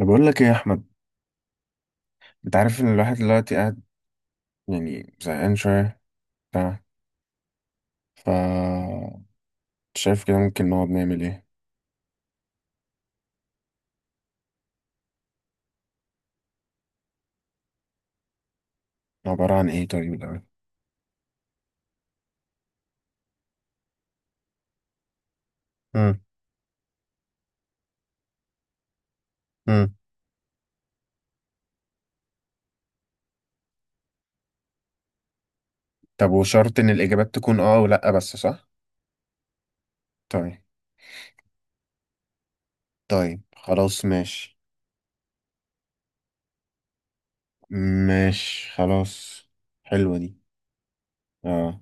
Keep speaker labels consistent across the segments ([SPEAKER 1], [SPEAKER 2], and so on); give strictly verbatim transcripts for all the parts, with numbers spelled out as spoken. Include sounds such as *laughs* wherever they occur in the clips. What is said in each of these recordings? [SPEAKER 1] انا بقول لك ايه يا احمد، انت عارف ان الواحد دلوقتي قاعد يعني زهقان شويه بتاع ف شايف كده ممكن نقعد نعمل ايه؟ عباره عن ايه طيب الاول؟ امم امم طب وشرط ان الاجابات تكون اه ولا بس صح؟ طيب، طيب، خلاص ماشي. ماشي خلاص. حلوه دي. اه.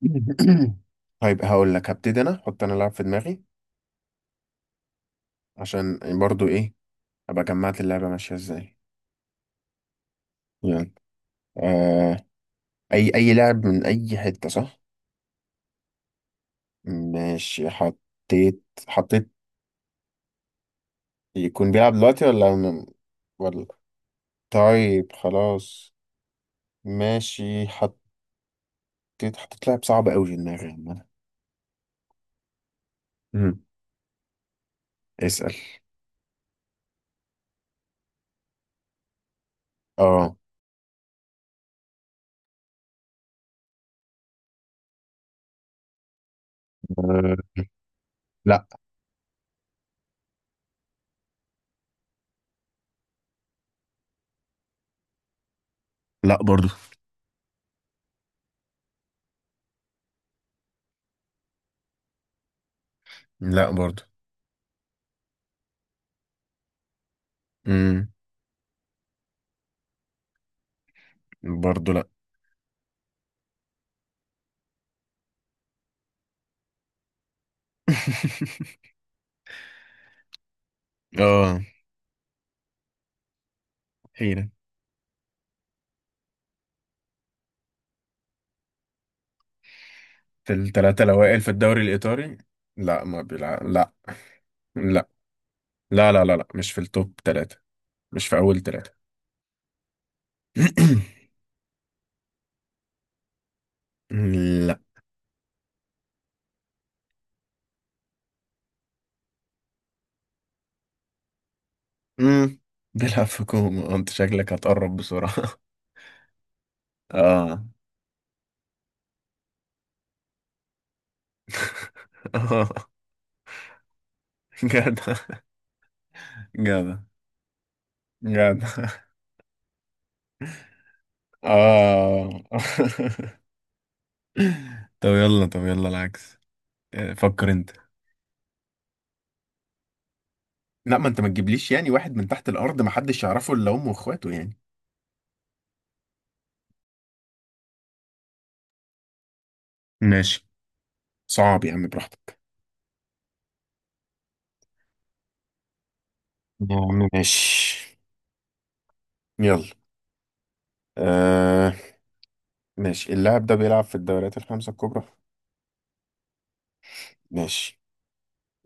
[SPEAKER 1] *coughs* طيب هقول لك، هبتدي انا احط انا لعب في دماغي، عشان برضو ايه ابقى جمعت اللعبه ماشيه ازاي. يلا. آه. اي اي لعب من اي حته صح. ماشي حطيت حطيت يكون بيلعب دلوقتي ولا م- ولا؟ طيب خلاص ماشي حطيت. حطيت لاعب صعب قوي في دماغي عامة. امم اسأل. اه. آه. لا. لا برضو. لا برضو. امم برضو لا. *laughs* اه. حيرة. في التلاتة الأوائل في الدوري الإيطالي. لا ما بيلعب، لا لا لا لا لا لا، مش في التوب تلاتة. مش في أول تلاتة. *clears throat* لا. امم بيلعب في كوما، انت شكلك هتقرب بسرعة. *laughs* اه. *laughs* اه. جدع. جدع. جدع. اه. *laughs* طب يلا، طب يلا العكس. آه، فكر انت. لا، ما انت ما تجيبليش يعني واحد من تحت الارض ما حدش يعرفه الا امه واخواته يعني. ماشي. صعب يا عم براحتك. يا عم ماشي. يلا. آه. ماشي، اللاعب ده بيلعب في الدوريات الخمسة الكبرى. ماشي.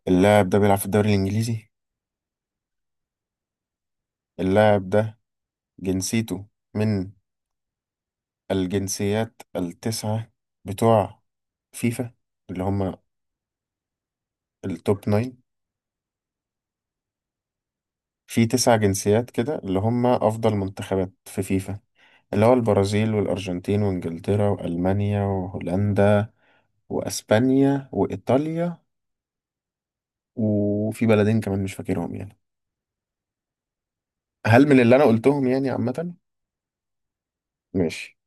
[SPEAKER 1] اللاعب ده بيلعب في الدوري الإنجليزي. اللاعب ده جنسيته من الجنسيات التسعة بتوع فيفا، اللي هم التوب ناين. في تسع جنسيات كده اللي هم أفضل منتخبات في فيفا، اللي هو البرازيل والأرجنتين وإنجلترا وألمانيا وهولندا وأسبانيا وإيطاليا، وفي بلدين كمان مش فاكرهم يعني. هل من اللي أنا قلتهم يعني عامة؟ ماشي.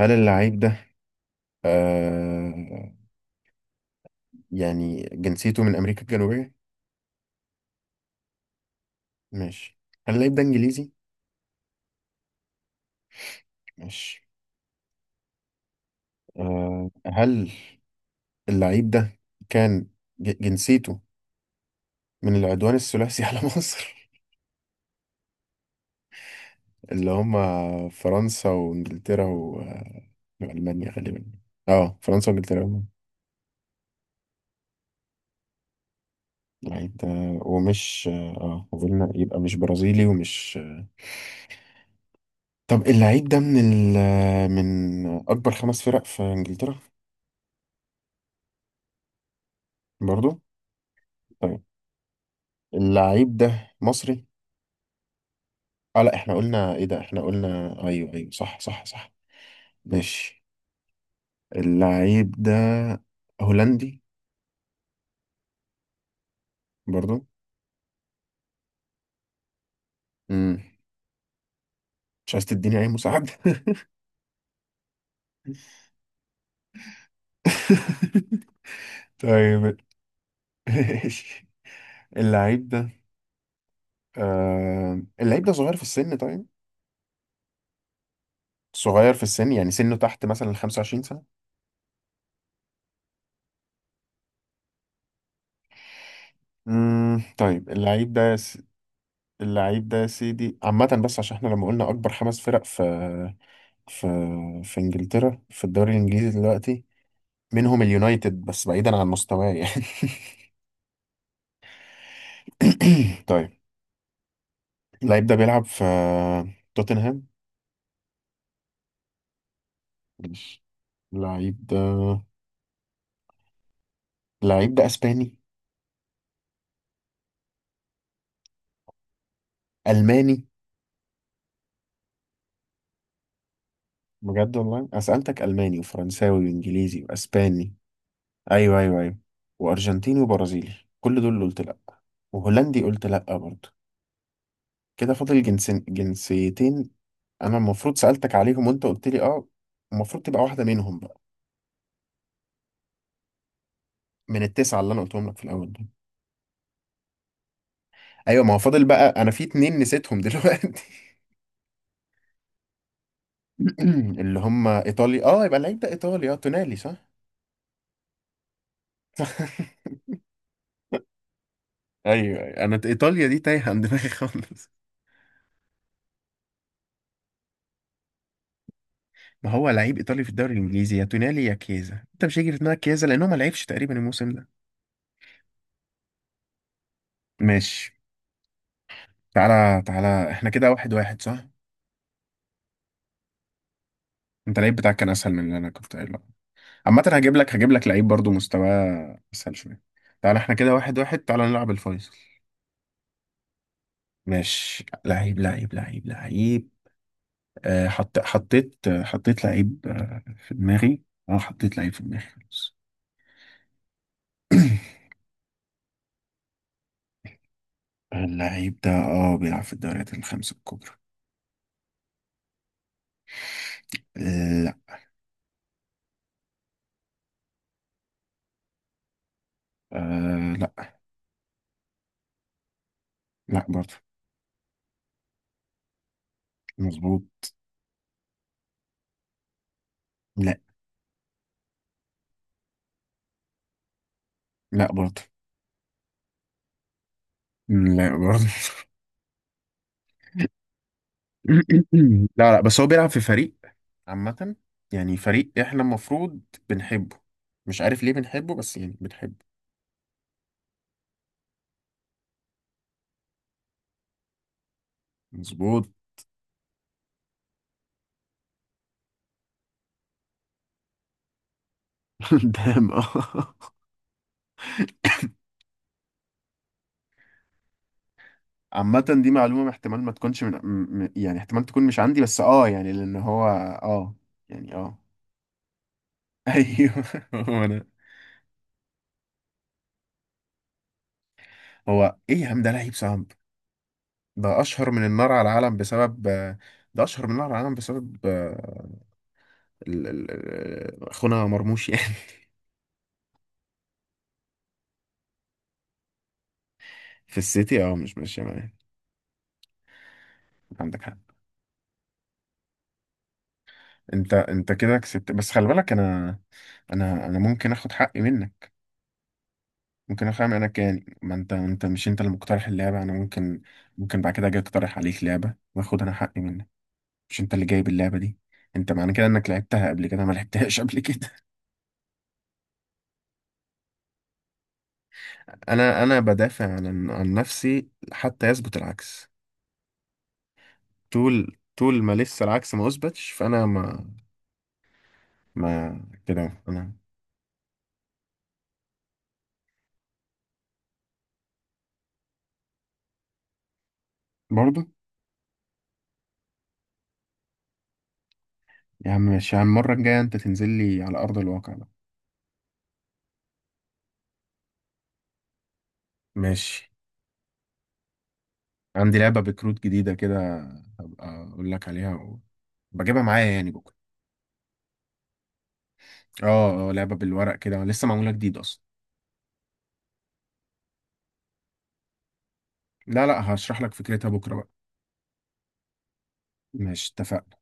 [SPEAKER 1] هل اللعيب ده آه يعني جنسيته من أمريكا الجنوبية؟ ماشي. هل اللعيب ده إنجليزي؟ ماشي. آه، هل اللعيب ده كان ج- جنسيته من العدوان الثلاثي على *laughs* مصر؟ اللي هم فرنسا وانجلترا و- والمانيا غالبا. اه فرنسا وانجلترا والمانيا. اللعيب ده ومش، اه قلنا يبقى مش برازيلي ومش آه. طب اللعيب ده من ال... من اكبر خمس فرق في انجلترا؟ برضو؟ طيب. اللعيب ده مصري؟ اه لا احنا قلنا ايه ده، احنا قلنا ايوه ايوه صح صح صح. ماشي. اللعيب ده هولندي؟ برضو. مم. مش عايز تديني اي مساعدة. *laughs* طيب. ماشي. اللعيب ده آه... اللعيب ده صغير في السن طيب؟ صغير في السن يعني سنه تحت مثلا ال خمسة وعشرين سنة. مم. طيب اللعيب ده يا س... اللعيب ده يا سيدي عامة، بس عشان احنا لما قلنا أكبر خمس فرق في، في، في إنجلترا في الدوري الإنجليزي دلوقتي منهم اليونايتد، بس بعيدا عن مستواه يعني. *coughs* طيب. اللعيب ده بيلعب في توتنهام؟ ماشي. اللعيب ده، اللعيب ده اسباني؟ الماني؟ بجد والله انا سالتك الماني وفرنساوي وانجليزي واسباني، ايوه ايوه ايوه، وارجنتيني وبرازيلي كل دول قلت لا، وهولندي قلت لا برضه. كده فاضل جنسين، جنسيتين انا المفروض سالتك عليهم وانت قلت لي اه، المفروض تبقى واحده منهم بقى. من التسعه اللي انا قلتهم لك في الاول دول. ايوه ما هو فاضل بقى انا في اتنين نسيتهم دلوقتي. *clears throat* اللي هم ايطاليا. اه يبقى اللعيب ده ايطالي، اه تونالي صح؟ *laughs* ايوه أيوة. انا ايطاليا دي تايهه عن دماغي *laughs* خالص. ما هو لعيب ايطالي في الدوري الانجليزي، يا تونالي يا كيزا، انت مش هيجي في دماغك كيزا لانه ما لعبش تقريبا الموسم ده. ماشي. تعالى تعالى احنا كده واحد واحد صح. انت اللعيب بتاعك كان اسهل من اللي انا كنت قايله. عامه هجيب لك، هجيب لك لعيب برضو مستواه اسهل شويه. تعالى احنا كده واحد واحد، تعالى نلعب الفيصل. ماشي. لعيب لعيب لعيب لعيب. آه، حط حطيت حطيت لعيب آه، في دماغي. اه حطيت لعيب في دماغي خلاص. *clears throat* اللعيب ده اه بيلعب في الدوريات الخمسة الكبرى. لا. آه لا. لا برضه. مظبوط. لا. لا برضه. لا برضه. *clears throat* لا لا، بس هو بيلعب في فريق عامة، يعني فريق احنا المفروض بنحبه، مش عارف ليه بنحبه بس يعني بنحبه. مظبوط. *laughs* قدام اه. عامة دي معلومة احتمال ما تكونش من م- م- يعني احتمال تكون مش عندي، بس اه يعني لأن هو اه يعني اه. *laughs* ايوه. هو انا هو ايه يا عم ده لعيب صعب؟ ده اشهر من النار على العالم بسبب، ده اشهر من النار على العالم بسبب آه، ال- ال- ال- اخونا مرموش يعني. *laughs* في السيتي اه مش ماشية معايا، عندك حق. انت انت كده كسبت، بس خلي بالك انا، انا انا ممكن اخد حقي منك. ممكن اخمن انا كان، ما انت، انت مش انت اللي مقترح اللعبه، انا ممكن، ممكن بعد كده اجي اقترح عليك لعبه واخد انا حقي منك. مش انت اللي جايب اللعبه دي؟ انت معنى كده انك لعبتها قبل كده، أنا ما لعبتهاش قبل كده. *laughs* انا انا بدافع عن عن نفسي حتى يثبت العكس. طول طول ما لسه العكس ما اثبتش فانا ما، ما، كده انا برضه. يا عم ماشي يا عم، المره الجايه انت تنزل لي على ارض الواقع بقى. ماشي. عندي لعبه بكروت جديده كده، هبقى اقول لك عليها و... بجيبها معايا يعني بكره. اه آه، لعبة بالورق كده لسه معمولة جديد اصلا. لا لا هشرح لك فكرتها بكرة بقى. ماشي اتفقنا.